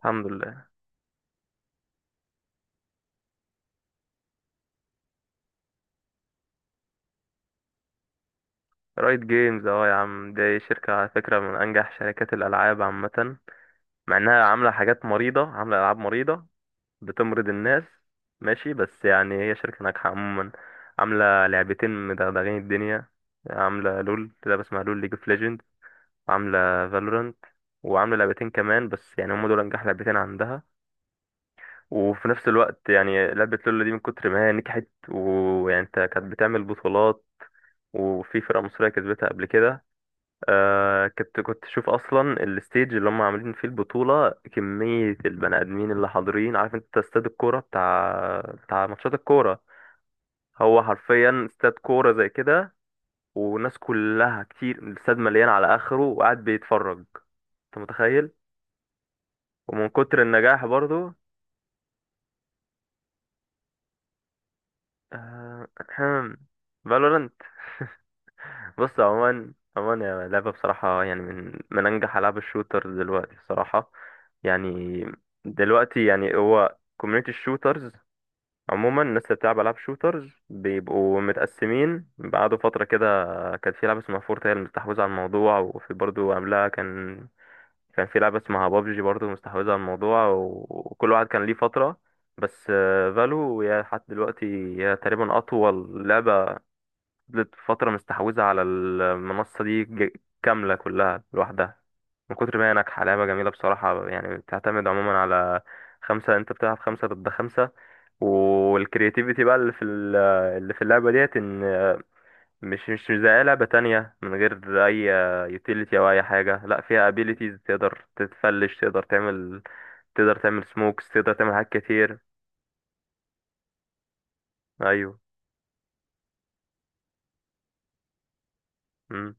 الحمد لله. رايت جيمز، يا عم دي شركة على فكرة من أنجح شركات الألعاب عامة، مع إنها عاملة حاجات مريضة، عاملة ألعاب مريضة، بتمرض الناس. ماشي، بس يعني هي شركة ناجحة عموما. عاملة لعبتين مدغدغين الدنيا، عاملة لول، لعبة اسمها لول، ليج اوف ليجند، وعاملة فالورانت، وعاملة لعبتين كمان. بس يعني هم دول أنجح لعبتين عندها. وفي نفس الوقت يعني لعبة لول دي من كتر ما هي نجحت، ويعني انت، كانت بتعمل بطولات، وفي فرقة مصرية كسبتها قبل كده. كنت اشوف اصلا الستيج اللي هم عاملين فيه البطوله، كميه البني ادمين اللي حاضرين، عارف انت استاد الكوره بتاع ماتشات الكوره؟ هو حرفيا استاد كوره زي كده، والناس كلها كتير، الاستاد مليان على اخره وقاعد بيتفرج. انت متخيل؟ ومن كتر النجاح برضو، آه فالورانت. بص، عموما عموما يا لعبة، بصراحة يعني من أنجح ألعاب الشوترز دلوقتي بصراحة. يعني دلوقتي يعني هو كوميونيتي الشوترز عموما، الناس اللي بتلعب ألعاب شوترز بيبقوا متقسمين بعد فترة كده. كان في لعبة اسمها فورت هي اللي مستحوذة على الموضوع، وفي برضه قبلها كان في لعبة اسمها بابجي برضه مستحوذة على الموضوع، وكل واحد كان ليه فترة. بس فالو هي لحد دلوقتي، هي تقريبا أطول لعبة فضلت فترة مستحوذة على المنصة دي كاملة كلها لوحدها. من كتر ما هي ناجحة، لعبة جميلة بصراحة، يعني بتعتمد عموما على خمسة، انت بتلعب خمسة ضد خمسة، والكرياتيفيتي بقى اللي في اللي في اللعبة ديت ان مش زي أي لعبة تانية من غير أي يوتيليتي أو أي حاجة. لا، فيها ابيليتيز، تقدر تتفلش، تقدر تعمل، تقدر تعمل سموكس، تقدر تعمل حاجات كتير. أيوه. امم.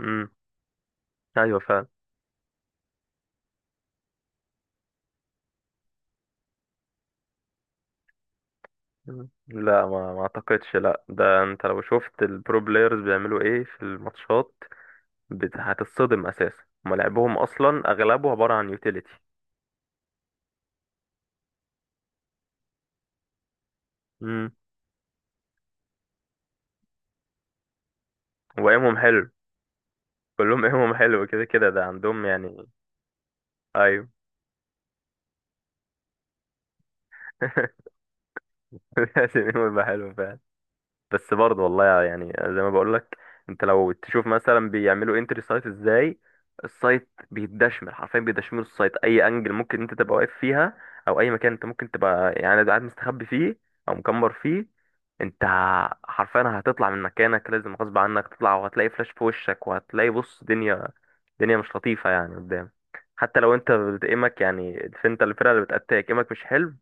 امم. أيوه فعلا. مم. لا، ما اعتقدش. لا، ده انت لو شفت البرو بلايرز بيعملوا ايه في الماتشات. هتتصدم اساسا، هما لعبهم اصلا اغلبه عبارة عن يوتيليتي. امم. وايمهم حلو، كلهم ايمهم حلو كده كده ده عندهم يعني. ايوه. لازم ايمهم يبقى حلو فعلا. بس برضه والله يعني زي ما بقولك، انت لو تشوف مثلا بيعملوا انتري سايت ازاي، السايت بيتدشمل حرفيا، بيدشملوا السايت، اي انجل ممكن انت تبقى واقف فيها، او اي مكان انت ممكن تبقى يعني قاعد مستخبي فيه، او مكمر فيه، انت حرفيا هتطلع من مكانك لازم غصب عنك تطلع، وهتلاقي فلاش في وشك، وهتلاقي بص دنيا، دنيا مش لطيفة يعني قدام. حتى لو انت بتقيمك يعني انت، الفرقة اللي بتقتلك قيمك مش حلو،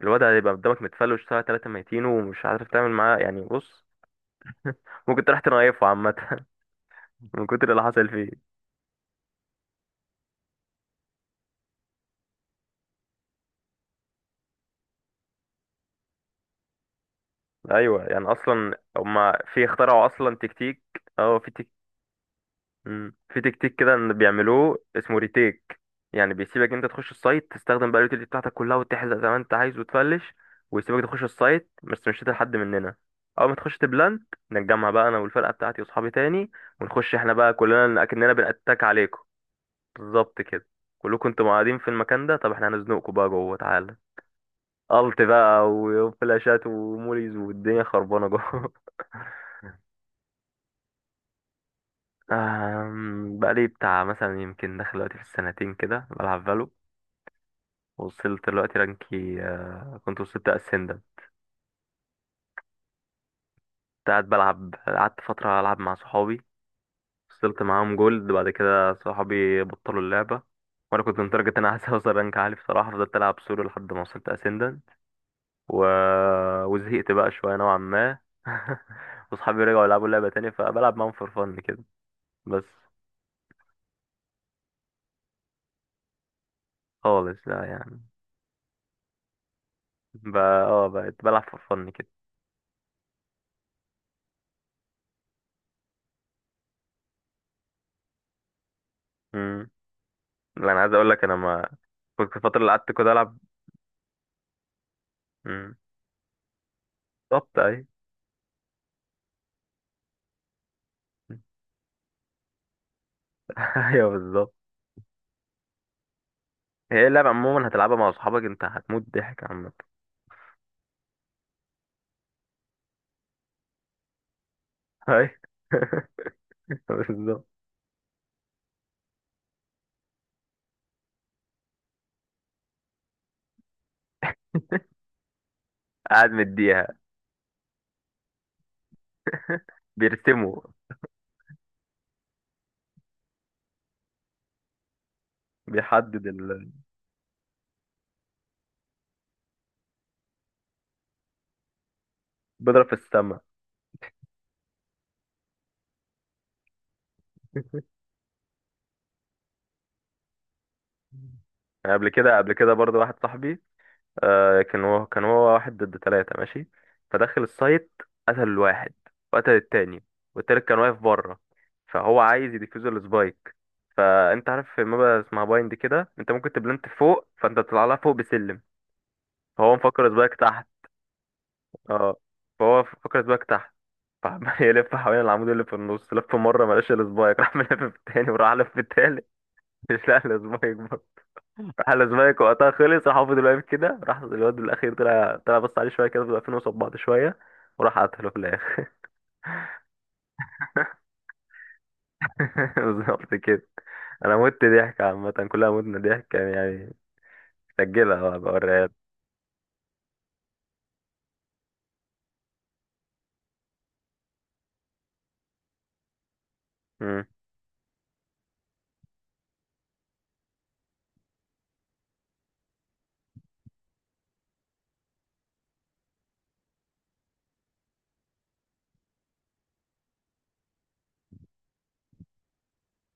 الواد هيبقى قدامك متفلوش ساعة تلاتة ميتين، ومش عارف تعمل معاه يعني بص، ممكن تروح تنايفه عامة. من كتر اللي حصل فيه. أيوة، يعني أصلا هما في اخترعوا أصلا تكتيك. اه في تك... مم. في تكتيك كده إن بيعملوه اسمه ريتيك، يعني بيسيبك أنت تخش السايت تستخدم بقى اليوتيلتي بتاعتك كلها وتحزق زي ما أنت عايز وتفلش، ويسيبك تخش السايت، بس مش هتلاقي حد مننا. أول ما تخش تبلانت، نتجمع بقى أنا والفرقة بتاعتي وأصحابي تاني، ونخش إحنا بقى كلنا أكننا بنأتاك عليكم. بالظبط كده، كلكم انتوا قاعدين في المكان ده، طب احنا هنزنقكم بقى جوه تعالى، الت بقى وفلاشات وموليز والدنيا خربانه جوه. بقالي بتاع مثلا يمكن داخل دلوقتي في السنتين كده بلعب فالو، وصلت دلوقتي رانكي كنت وصلت اسندم. كنت قاعد بلعب، قعدت فترة ألعب مع صحابي، وصلت معاهم جولد، بعد كده صحابي بطلوا اللعبة، وأنا كنت لدرجة إن أنا عايز أوصل رانك عالي بصراحة، فضلت ألعب سولو لحد ما وصلت أسندن، و... وزهقت بقى شوية نوعا ما. وصحابي رجعوا يلعبوا لعبة تانية، فبلعب معاهم فور فن كده بس. خالص لا يعني، بقى اه بقيت بلعب في فن كده. امم. لا انا عايز اقول لك انا ما كنت، الفتره اللي قعدت كده العب. امم. بالظبط ايوه. ايوه بالظبط. هي اللعبه عموما هتلعبها مع اصحابك انت، هتموت ضحك عامه. ايوه. بالظبط، قاعد مديها، بيرسموا، بيحدد ال... بيضرب في السما. يعني قبل كده برضه واحد صاحبي، آه كان هو واحد ضد ثلاثة ماشي، فدخل السايت، قتل الواحد، وقتل التاني، والتالت كان واقف بره، فهو عايز يديفيوز السبايك. فانت عارف في مابا اسمها بايند كده، انت ممكن تبلنت فوق، فانت بتطلع لها فوق بسلم، فهو مفكر السبايك تحت. اه، فهو مفكر السبايك تحت. فعمال يلف حوالين العمود اللي في النص، لف مرة ملاش السبايك، راح ملف في التاني، وراح لف في التالت، مش لاقي السبايك. راح الأسبانيك وقتها خلص، راح فضل واقف كده، راح الواد الأخير طلع، طلع بص عليه شوية كده، فضل واقفين قصاد بعض شوية، وراح قتله في الآخر. بالظبط كده. أنا مت ضحك عامة، كلها متنا ضحك كان يعني. سجلها بقى بوريها لك. مم.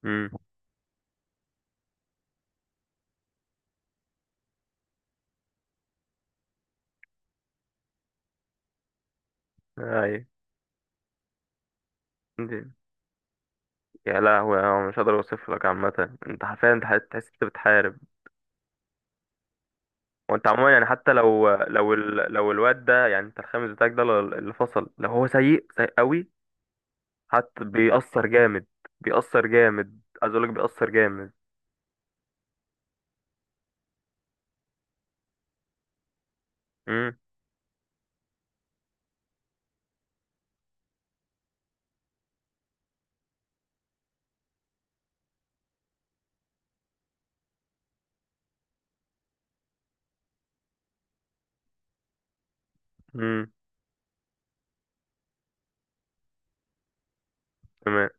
مم. أيوة. دي- يا لهوي، أنا مش هقدر أوصف لك عامة، أنت حرفيا أنت تحس أنت بتحارب. وأنت عموما يعني حتى لو الواد ده يعني، أنت الخامس بتاعك ده اللي فصل، لو هو سيء سيء قوي، حتى بيأثر جامد. بيأثر جامد عايز اقولك بيأثر جامد. امم. امم. تمام.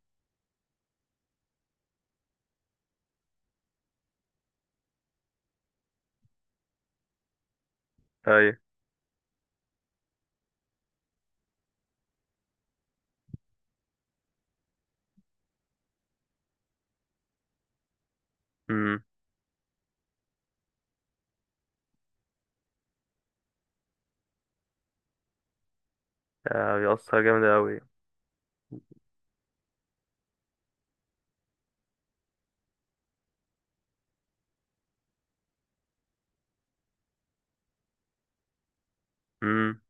ايوه. امم. آه، بيأثر جامد اوي. امم.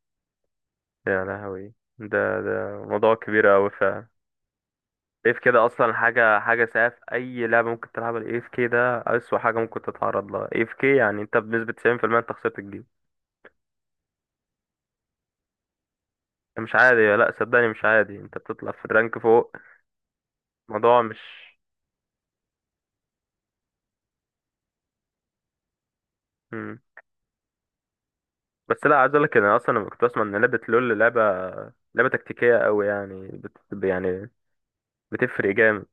يا لهوي، ده موضوع كبير اوي فعلا. اف كده اصلا، حاجه سيئه في اي لعبه ممكن تلعبها الاف كي ده، اسوأ حاجه ممكن تتعرض لها اف كي، يعني انت بنسبه 90% انت خسرت الجيم. ده مش عادي، لا صدقني مش عادي، انت بتطلع في الرانك فوق. الموضوع مش، امم. بس لا عايز اقول لك إن انا اصلا لما كنت بسمع ان لعبه لول لعبه تكتيكيه قوي يعني يعني بتفرق جامد.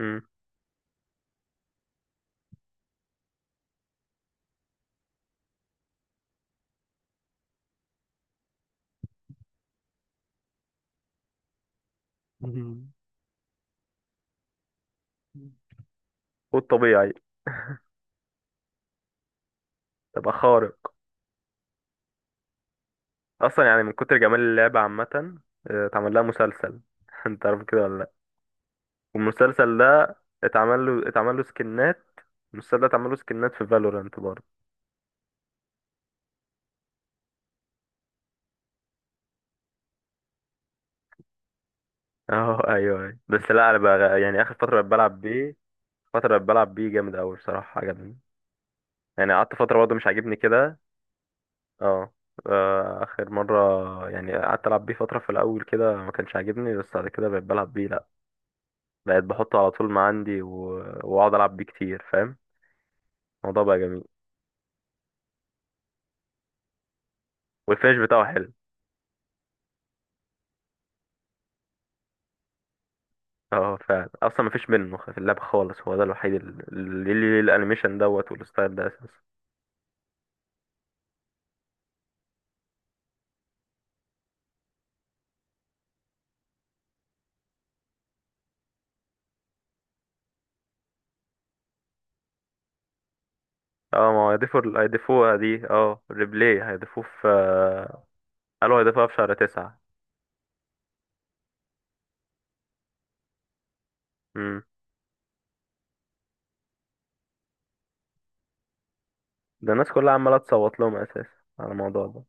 مم. مهم. والطبيعي تبقى خارق. اصلا يعني من كتر جمال اللعبه عامه، آه، اتعمل لها مسلسل. انت عارف كده ولا لا؟ والمسلسل ده اتعمل له سكنات، المسلسل ده اتعمل له سكنات في فالورانت برضه. اه ايوه ايوه. بس لا انا بقى يعني اخر فتره بقيت بلعب بيه، فتره بقيت بلعب بيه جامد قوي بصراحه عجبني. يعني قعدت فتره برضه مش عاجبني كده، اه اخر مرة يعني قعدت العب بيه فترة في الاول كده، ما كانش عاجبني، بس بعد كده بقيت بلعب بيه. لا بقيت بحطه على طول ما عندي واقعد العب بيه كتير فاهم، الموضوع بقى جميل. والفينش بتاعه حلو. اه فعلا، اصلا ما فيش منه في اللعبة خالص، هو ده الوحيد اللي ليه الانيميشن دوت والستايل ده اساسا. اه، ما هو هيضيفوها دي، اه ريبلاي هيضيفوه في، قالوا هيضيفوها في شهر 9. امم. ده الناس كلها عمالة تصوت لهم اساسا على الموضوع ده.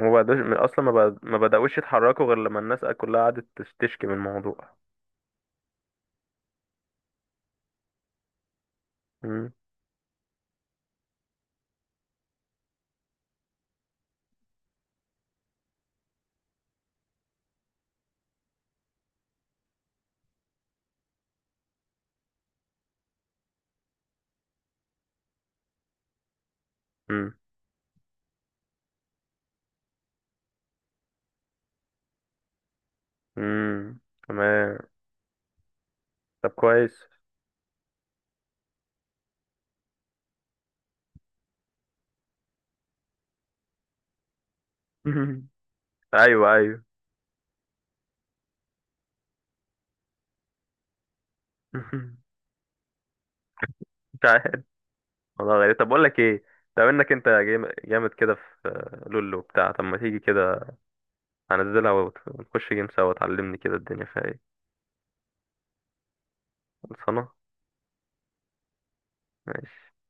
وما بقدوش اصلا، ما بدأوش يتحركوا غير لما الناس كلها قعدت تشكي من الموضوع. مم. مم. مم. تمام، طب كويس. ايوه ايوه. مش عارف والله، غريب. طب بقول لك ايه، طب انك انت جامد كده في لولو بتاع، طب ما تيجي كده، هنزلها ونخش جيم سوا، تعلمني كده الدنيا فيها ايه. خلصانه. ماشي.